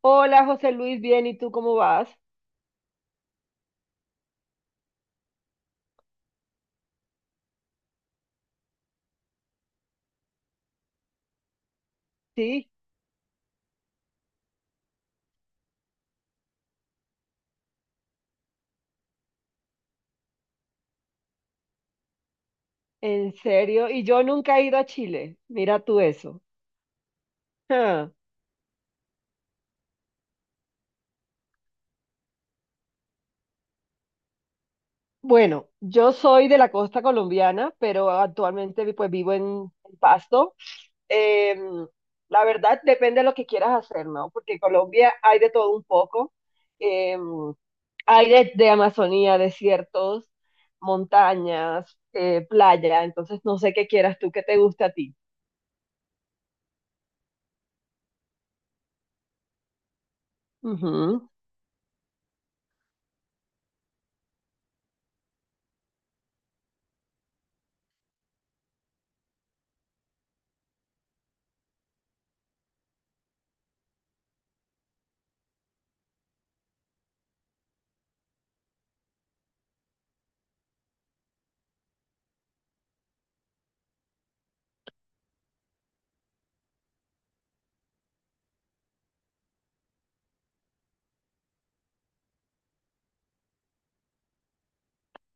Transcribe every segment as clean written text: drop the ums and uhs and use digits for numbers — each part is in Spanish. Hola José Luis, bien, ¿y tú cómo vas? Sí, en serio, y yo nunca he ido a Chile, mira tú eso. Ah, bueno, yo soy de la costa colombiana, pero actualmente pues vivo en Pasto. Em, la verdad depende de lo que quieras hacer, ¿no? Porque en Colombia hay de todo un poco. Em, Hay de Amazonía, desiertos, montañas, playa, entonces no sé qué quieras tú, qué te gusta a ti. Ujú.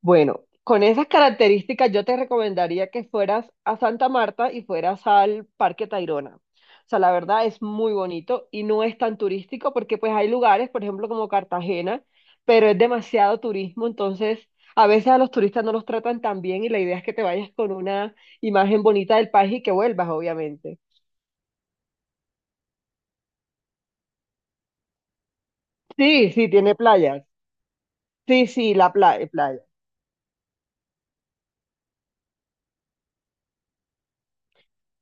Bueno, con esas características yo te recomendaría que fueras a Santa Marta y fueras al Parque Tayrona. O sea, la verdad es muy bonito y no es tan turístico porque pues hay lugares, por ejemplo, como Cartagena, pero es demasiado turismo, entonces a veces a los turistas no los tratan tan bien y la idea es que te vayas con una imagen bonita del país y que vuelvas, obviamente. Sí, sí, tiene playas. Sí, sí, la playa, playa.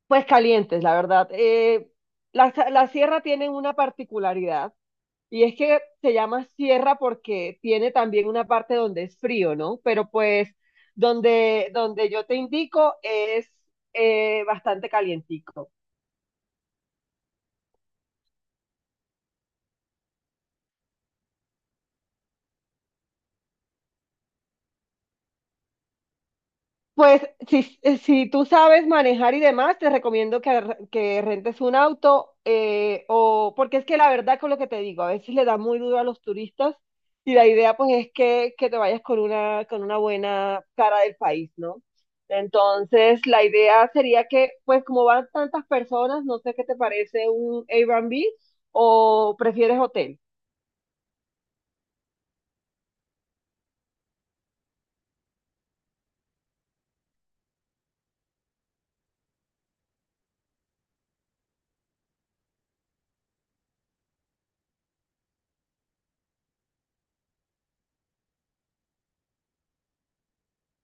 Pues calientes, la verdad. La sierra tiene una particularidad. Y es que se llama sierra porque tiene también una parte donde es frío, ¿no? Pero pues donde yo te indico es bastante calientico. Pues si, si tú sabes manejar y demás, te recomiendo que rentes un auto o porque es que la verdad con lo que te digo, a veces le da muy duro a los turistas y la idea pues es que te vayas con con una buena cara del país, ¿no? Entonces la idea sería que pues como van tantas personas, no sé qué te parece un Airbnb o prefieres hotel.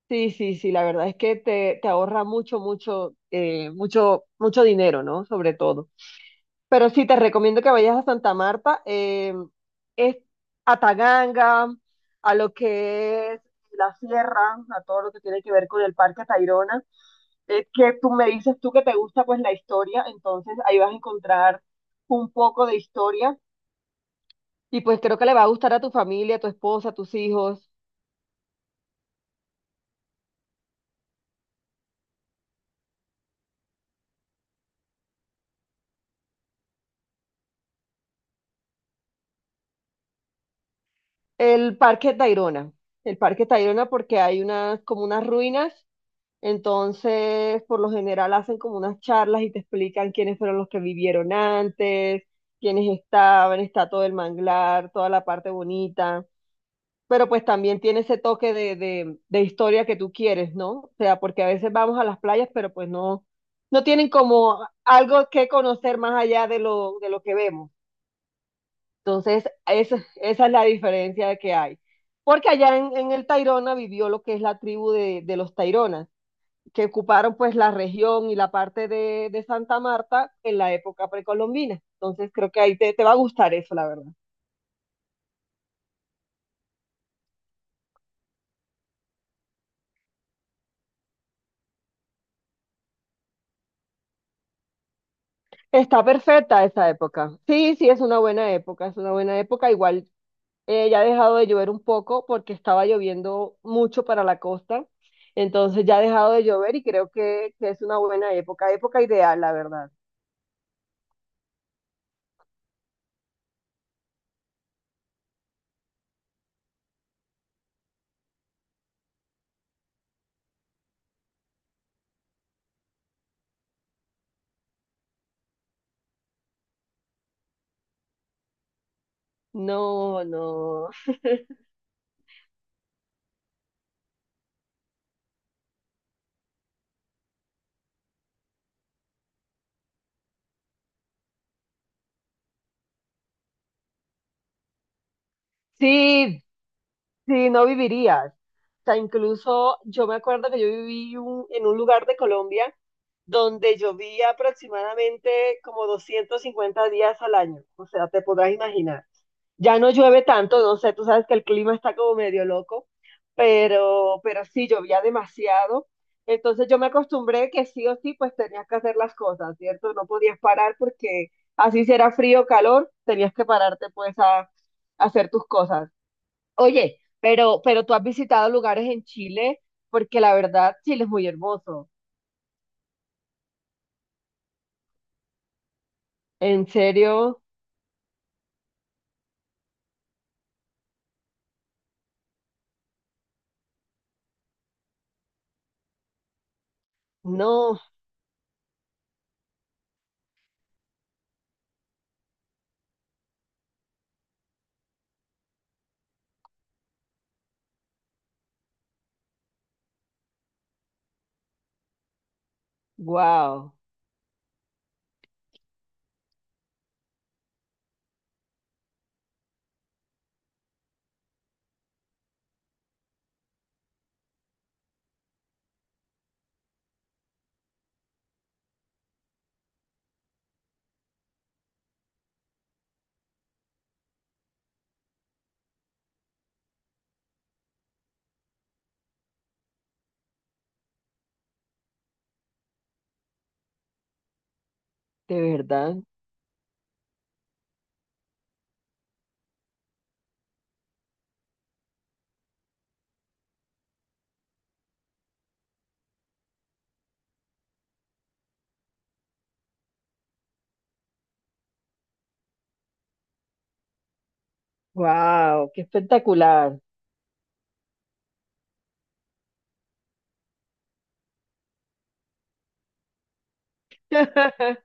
Sí, sí, sí, la verdad es que te ahorra mucho, mucho, mucho, mucho dinero, ¿no? Sobre todo. Pero sí, te recomiendo que vayas a Santa Marta, es a Taganga, a lo que es la sierra, a todo lo que tiene que ver con el Parque Tayrona. Es que tú me dices tú que te gusta pues la historia, entonces ahí vas a encontrar un poco de historia y pues creo que le va a gustar a tu familia, a tu esposa, a tus hijos. El Parque Tayrona, el Parque Tayrona porque hay unas como unas ruinas. Entonces, por lo general hacen como unas charlas y te explican quiénes fueron los que vivieron antes, quiénes estaban, está todo el manglar, toda la parte bonita. Pero pues también tiene ese toque de historia que tú quieres, ¿no? O sea, porque a veces vamos a las playas, pero pues no, no tienen como algo que conocer más allá de lo que vemos. Entonces, esa es la diferencia que hay. Porque allá en el Tayrona vivió lo que es la tribu de los Taironas que ocuparon pues la región y la parte de Santa Marta en la época precolombina. Entonces creo que ahí te va a gustar eso, la verdad. Está perfecta esa época. Sí, sí, es una buena época, es una buena época. Igual ya ha dejado de llover un poco porque estaba lloviendo mucho para la costa. Entonces ya ha dejado de llover y creo que es una buena época, época ideal, la verdad. No, no. Sí, sí, no vivirías. O sea, incluso yo me acuerdo que yo en un lugar de Colombia donde llovía aproximadamente como 250 días al año. O sea, te podrás imaginar. Ya no llueve tanto, no sé, tú sabes que el clima está como medio loco, pero sí llovía demasiado. Entonces yo me acostumbré que sí o sí, pues tenías que hacer las cosas, ¿cierto? No podías parar porque así si era frío o calor, tenías que pararte pues a hacer tus cosas. Oye, pero tú has visitado lugares en Chile, porque la verdad, Chile es muy hermoso. ¿En serio? No, wow, de verdad, wow, qué espectacular.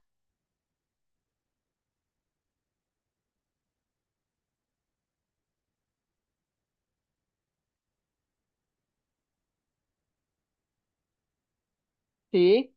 Sí,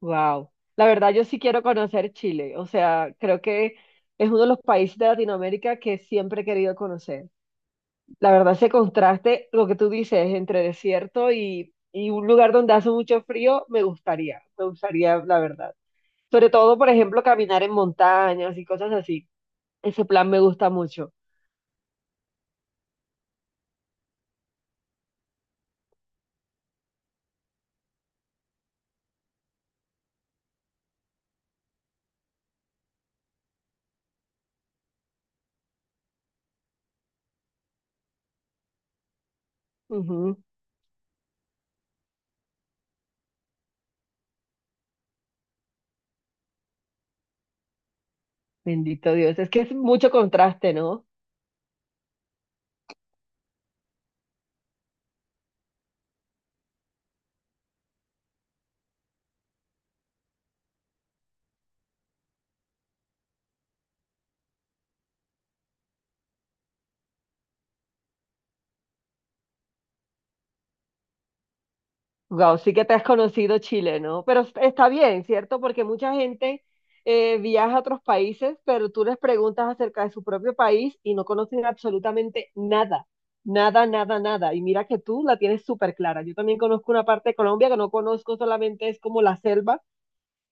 wow. La verdad, yo sí quiero conocer Chile. O sea, creo que es uno de los países de Latinoamérica que siempre he querido conocer. La verdad, ese contraste, lo que tú dices, entre desierto y un lugar donde hace mucho frío, me gustaría, la verdad. Sobre todo, por ejemplo, caminar en montañas y cosas así. Ese plan me gusta mucho. Ujú. Bendito Dios. Es que es mucho contraste, ¿no? Wow, sí que te has conocido Chile, ¿no? Pero está bien, ¿cierto? Porque mucha gente viaja a otros países, pero tú les preguntas acerca de su propio país y no conocen absolutamente nada. Nada, nada, nada. Y mira que tú la tienes súper clara. Yo también conozco una parte de Colombia que no conozco, solamente es como la selva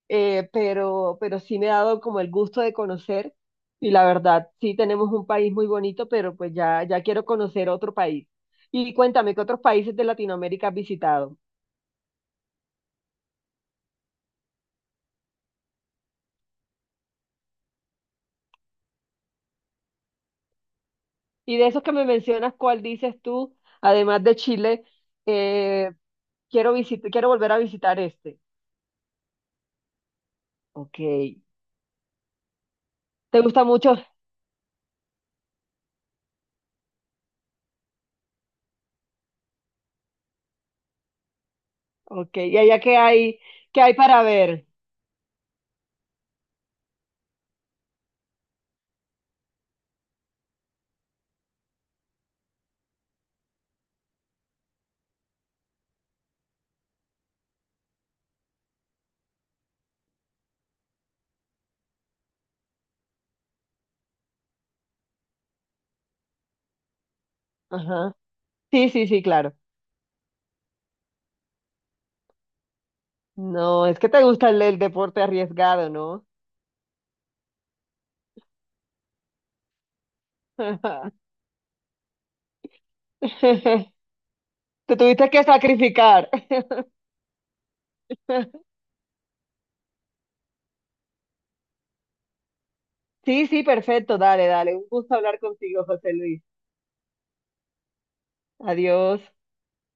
pero sí me ha dado como el gusto de conocer y la verdad, sí tenemos un país muy bonito, pero pues ya, ya quiero conocer otro país. Y cuéntame, ¿qué otros países de Latinoamérica has visitado? Y de esos que me mencionas, ¿cuál dices tú, además de Chile, eh, quiero volver a visitar este? Ok, ¿te gusta mucho? Ok, ¿y allá qué hay para ver? Ajá. Sí, sí, sí, claro. No, es que te gusta el deporte arriesgado, ¿no? Te tuviste que sacrificar. Sí, sí, perfecto. Dale, dale. Un gusto hablar contigo, José Luis. Adiós.